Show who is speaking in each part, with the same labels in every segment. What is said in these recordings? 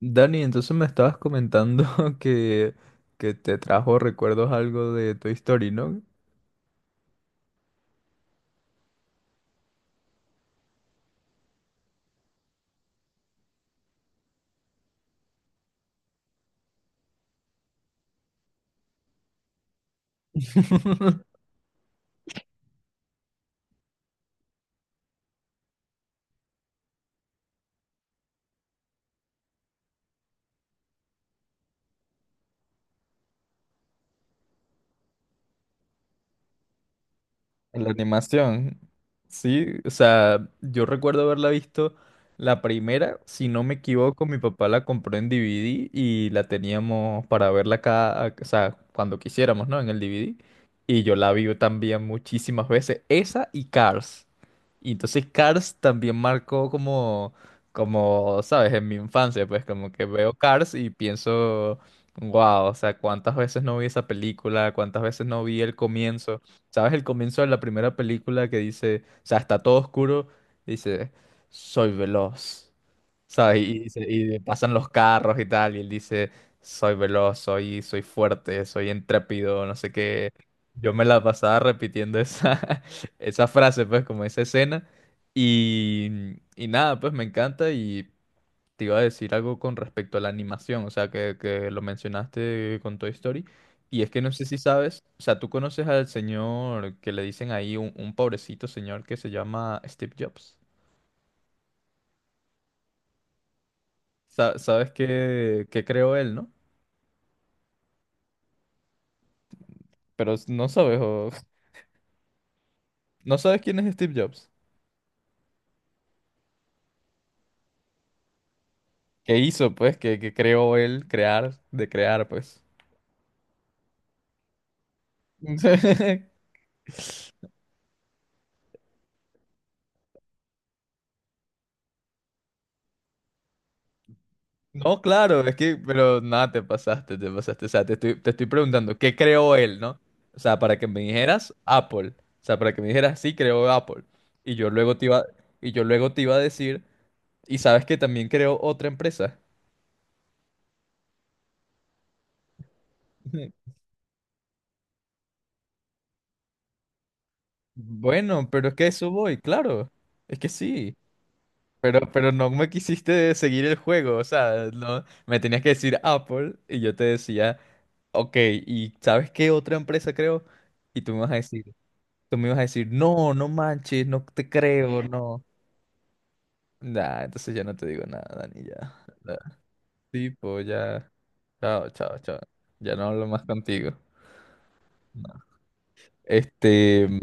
Speaker 1: Dani, entonces me estabas comentando que, que te trajo recuerdos algo de Toy Story, ¿no? La animación, sí, o sea, yo recuerdo haberla visto la primera, si no me equivoco, mi papá la compró en DVD y la teníamos para verla cada, o sea, cuando quisiéramos, ¿no? En el DVD. Y yo la vi también muchísimas veces, esa y Cars. Y entonces Cars también marcó como, ¿sabes? En mi infancia, pues como que veo Cars y pienso, wow, o sea, cuántas veces no vi esa película, cuántas veces no vi el comienzo. ¿Sabes el comienzo de la primera película que dice? O sea, está todo oscuro, dice, soy veloz, ¿sabes? Y y pasan los carros y tal, y él dice, soy veloz, soy fuerte, soy intrépido, no sé qué. Yo me la pasaba repitiendo esa, esa frase, pues, como esa escena, y nada, pues me encanta. Te iba a decir algo con respecto a la animación, o sea, que lo mencionaste con Toy Story. Y es que no sé si sabes, o sea, tú conoces al señor que le dicen ahí, un pobrecito señor que se llama Steve Jobs. ¿Sabes qué, qué creó él, no? ¿No sabes? O- ¿No sabes quién es Steve Jobs? ¿Qué hizo, pues? ¿Qué, qué creó él? ¿Crear, de crear, pues? No, claro, es que, pero nada, te pasaste, te pasaste. O sea, te estoy preguntando, ¿qué creó él, no? O sea, para que me dijeras Apple. O sea, para que me dijeras, sí, creó Apple. Y yo luego te iba, y yo luego te iba a decir, ¿y sabes que también creó otra empresa? Bueno, pero es que a eso voy, claro. Es que sí. Pero no me quisiste seguir el juego. O sea, no, me tenías que decir Apple y yo te decía, ok, ¿y sabes qué otra empresa creo? Y tú me vas a decir. Tú me ibas a decir, no, no manches, no te creo, no. Nah, entonces ya no te digo nada, Dani, ya. Nah, tipo, ya. Chao, chao, chao. Ya no hablo más contigo. Este,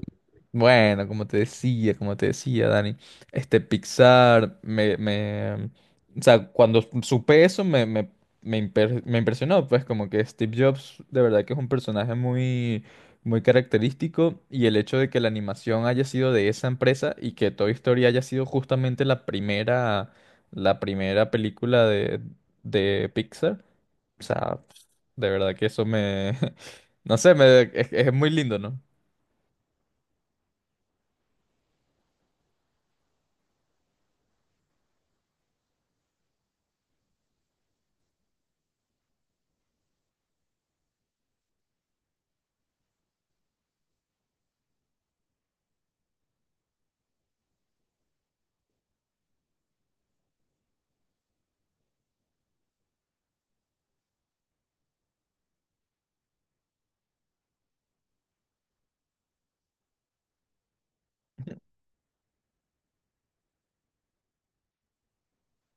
Speaker 1: bueno, como te decía, Dani, este Pixar, o sea, cuando supe eso me impresionó, pues como que Steve Jobs de verdad que es un personaje muy, muy característico, y el hecho de que la animación haya sido de esa empresa y que Toy Story haya sido justamente la primera película de Pixar, o sea, de verdad que eso me, no sé, me, es muy lindo, ¿no?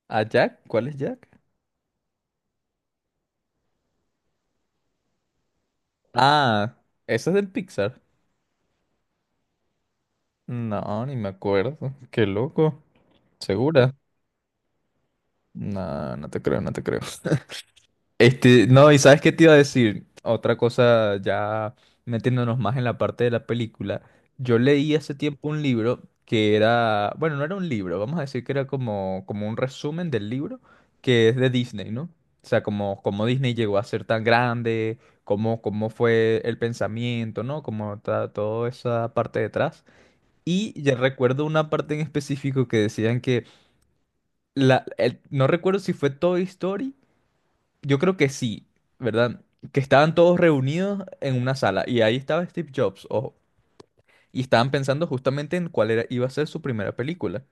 Speaker 1: ¿A Jack? ¿Cuál es Jack? Ah, ¿ese es del Pixar? No, ni me acuerdo. Qué loco. ¿Segura? No, no te creo, no te creo. Este, no, y sabes qué te iba a decir, otra cosa ya metiéndonos más en la parte de la película. Yo leí hace tiempo un libro que era, bueno, no era un libro, vamos a decir que era como, como un resumen del libro que es de Disney, ¿no? O sea, como, como Disney llegó a ser tan grande, cómo, cómo fue el pensamiento, ¿no? Toda esa parte detrás. Y ya recuerdo una parte en específico que decían no recuerdo si fue Toy Story, yo creo que sí, ¿verdad? Que estaban todos reunidos en una sala y ahí estaba Steve Jobs, ojo, y estaban pensando justamente en cuál era, iba a ser su primera película,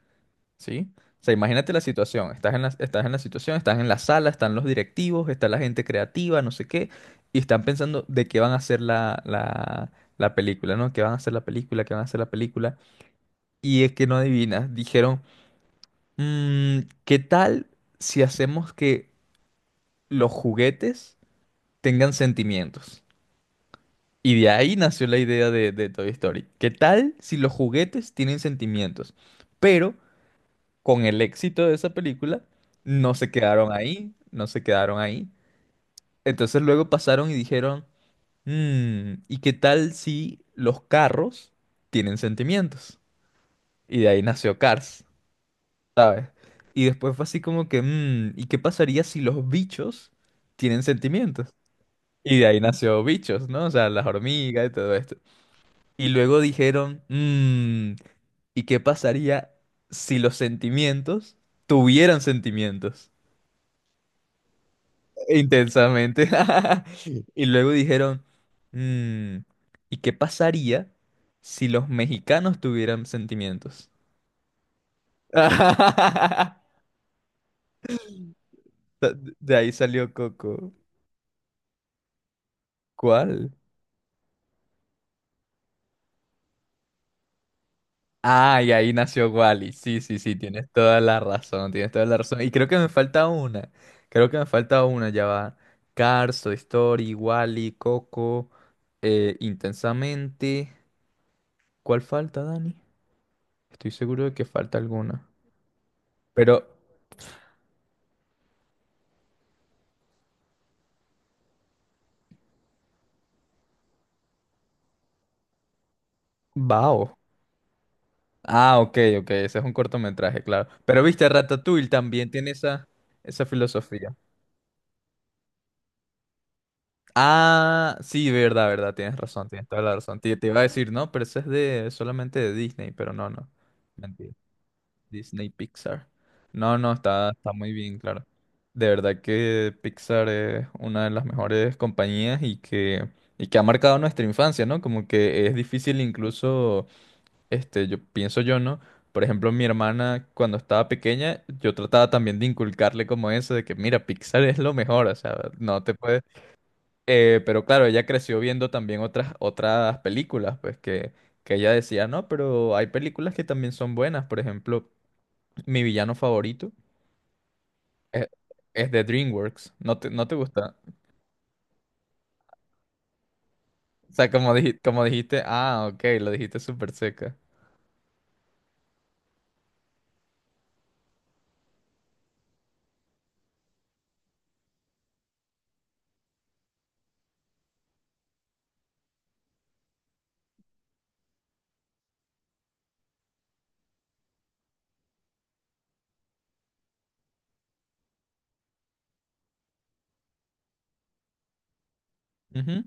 Speaker 1: ¿sí? O sea, imagínate la situación, estás en la situación, estás en la sala, están los directivos, está la gente creativa, no sé qué, y están pensando de qué van a hacer la película, ¿no? ¿Qué van a hacer la película? ¿Qué van a hacer la película? Y es que no adivinas, dijeron, "Mm, ¿qué tal si hacemos que los juguetes tengan sentimientos?" Y de ahí nació la idea de Toy Story. ¿Qué tal si los juguetes tienen sentimientos? Pero con el éxito de esa película, no se quedaron ahí, no se quedaron ahí. Entonces luego pasaron y dijeron, "Mm, ¿y qué tal si los carros tienen sentimientos?" Y de ahí nació Cars, ¿sabes? Y después fue así como que, "Mm, ¿y qué pasaría si los bichos tienen sentimientos?" Y de ahí nació Bichos, ¿no? O sea, las hormigas y todo esto. Y luego dijeron, "Mm, ¿y qué pasaría si los sentimientos tuvieran sentimientos intensamente?" Y luego dijeron, "Mm, ¿y qué pasaría si los mexicanos tuvieran sentimientos?" De ahí salió Coco. ¿Cuál? Ah, y ahí nació Wally. Sí, sí, sí, tienes toda la razón, tienes toda la razón. Y creo que me falta una. Creo que me falta una, ya va. Cars, Toy Story, Wally, Coco, Intensamente. ¿Cuál falta, Dani? Estoy seguro de que falta alguna. Pero, Bao. Ah, ok, ok, ese es un cortometraje, claro. Pero viste, Ratatouille también tiene esa, esa filosofía. Ah, sí, verdad, verdad, tienes razón, tienes toda la razón. Te iba a decir, no, pero eso es de solamente de Disney, pero no, no. Mentira. Disney Pixar. No, no, está, está muy bien, claro. De verdad que Pixar es una de las mejores compañías, y que ha marcado nuestra infancia, ¿no? Como que es difícil incluso, este, yo pienso yo, ¿no? Por ejemplo, mi hermana cuando estaba pequeña, yo trataba también de inculcarle como eso, de que mira, Pixar es lo mejor, o sea, no te puedes pero claro, ella creció viendo también otras, otras películas, pues que ella decía, no, pero hay películas que también son buenas. Por ejemplo, mi villano favorito es, es de DreamWorks. No te gusta? O sea, como, como dijiste, ah, ok, lo dijiste súper seca. Ujú.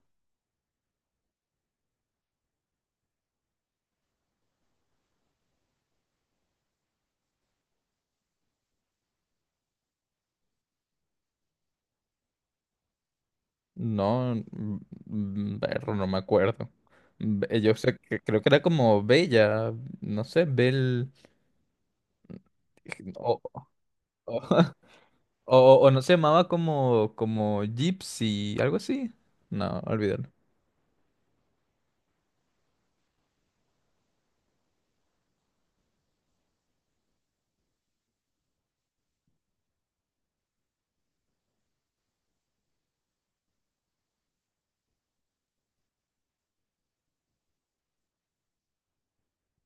Speaker 1: No, perro, no me acuerdo. Yo sé que creo que era como Bella, no sé, Bel... o- o- no se llamaba como, como Gypsy, algo así. No, olvídalo.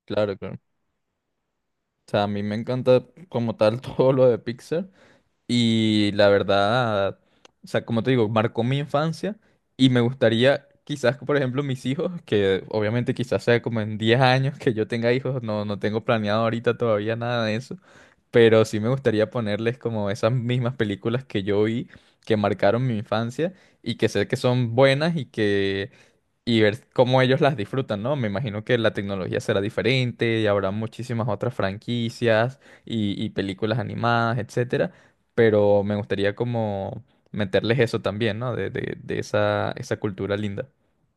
Speaker 1: Claro, claro. O sea, a mí me encanta como tal todo lo de Pixar. Y la verdad, o sea, como te digo, marcó mi infancia. Y me gustaría, quizás, que, por ejemplo, mis hijos, que obviamente quizás sea como en 10 años que yo tenga hijos, no, no tengo planeado ahorita todavía nada de eso. Pero sí me gustaría ponerles como esas mismas películas que yo vi, que marcaron mi infancia y que sé que son buenas, y que y ver cómo ellos las disfrutan, ¿no? Me imagino que la tecnología será diferente y habrá muchísimas otras franquicias y películas animadas, etcétera, pero me gustaría como meterles eso también, ¿no? De, de esa, esa cultura linda.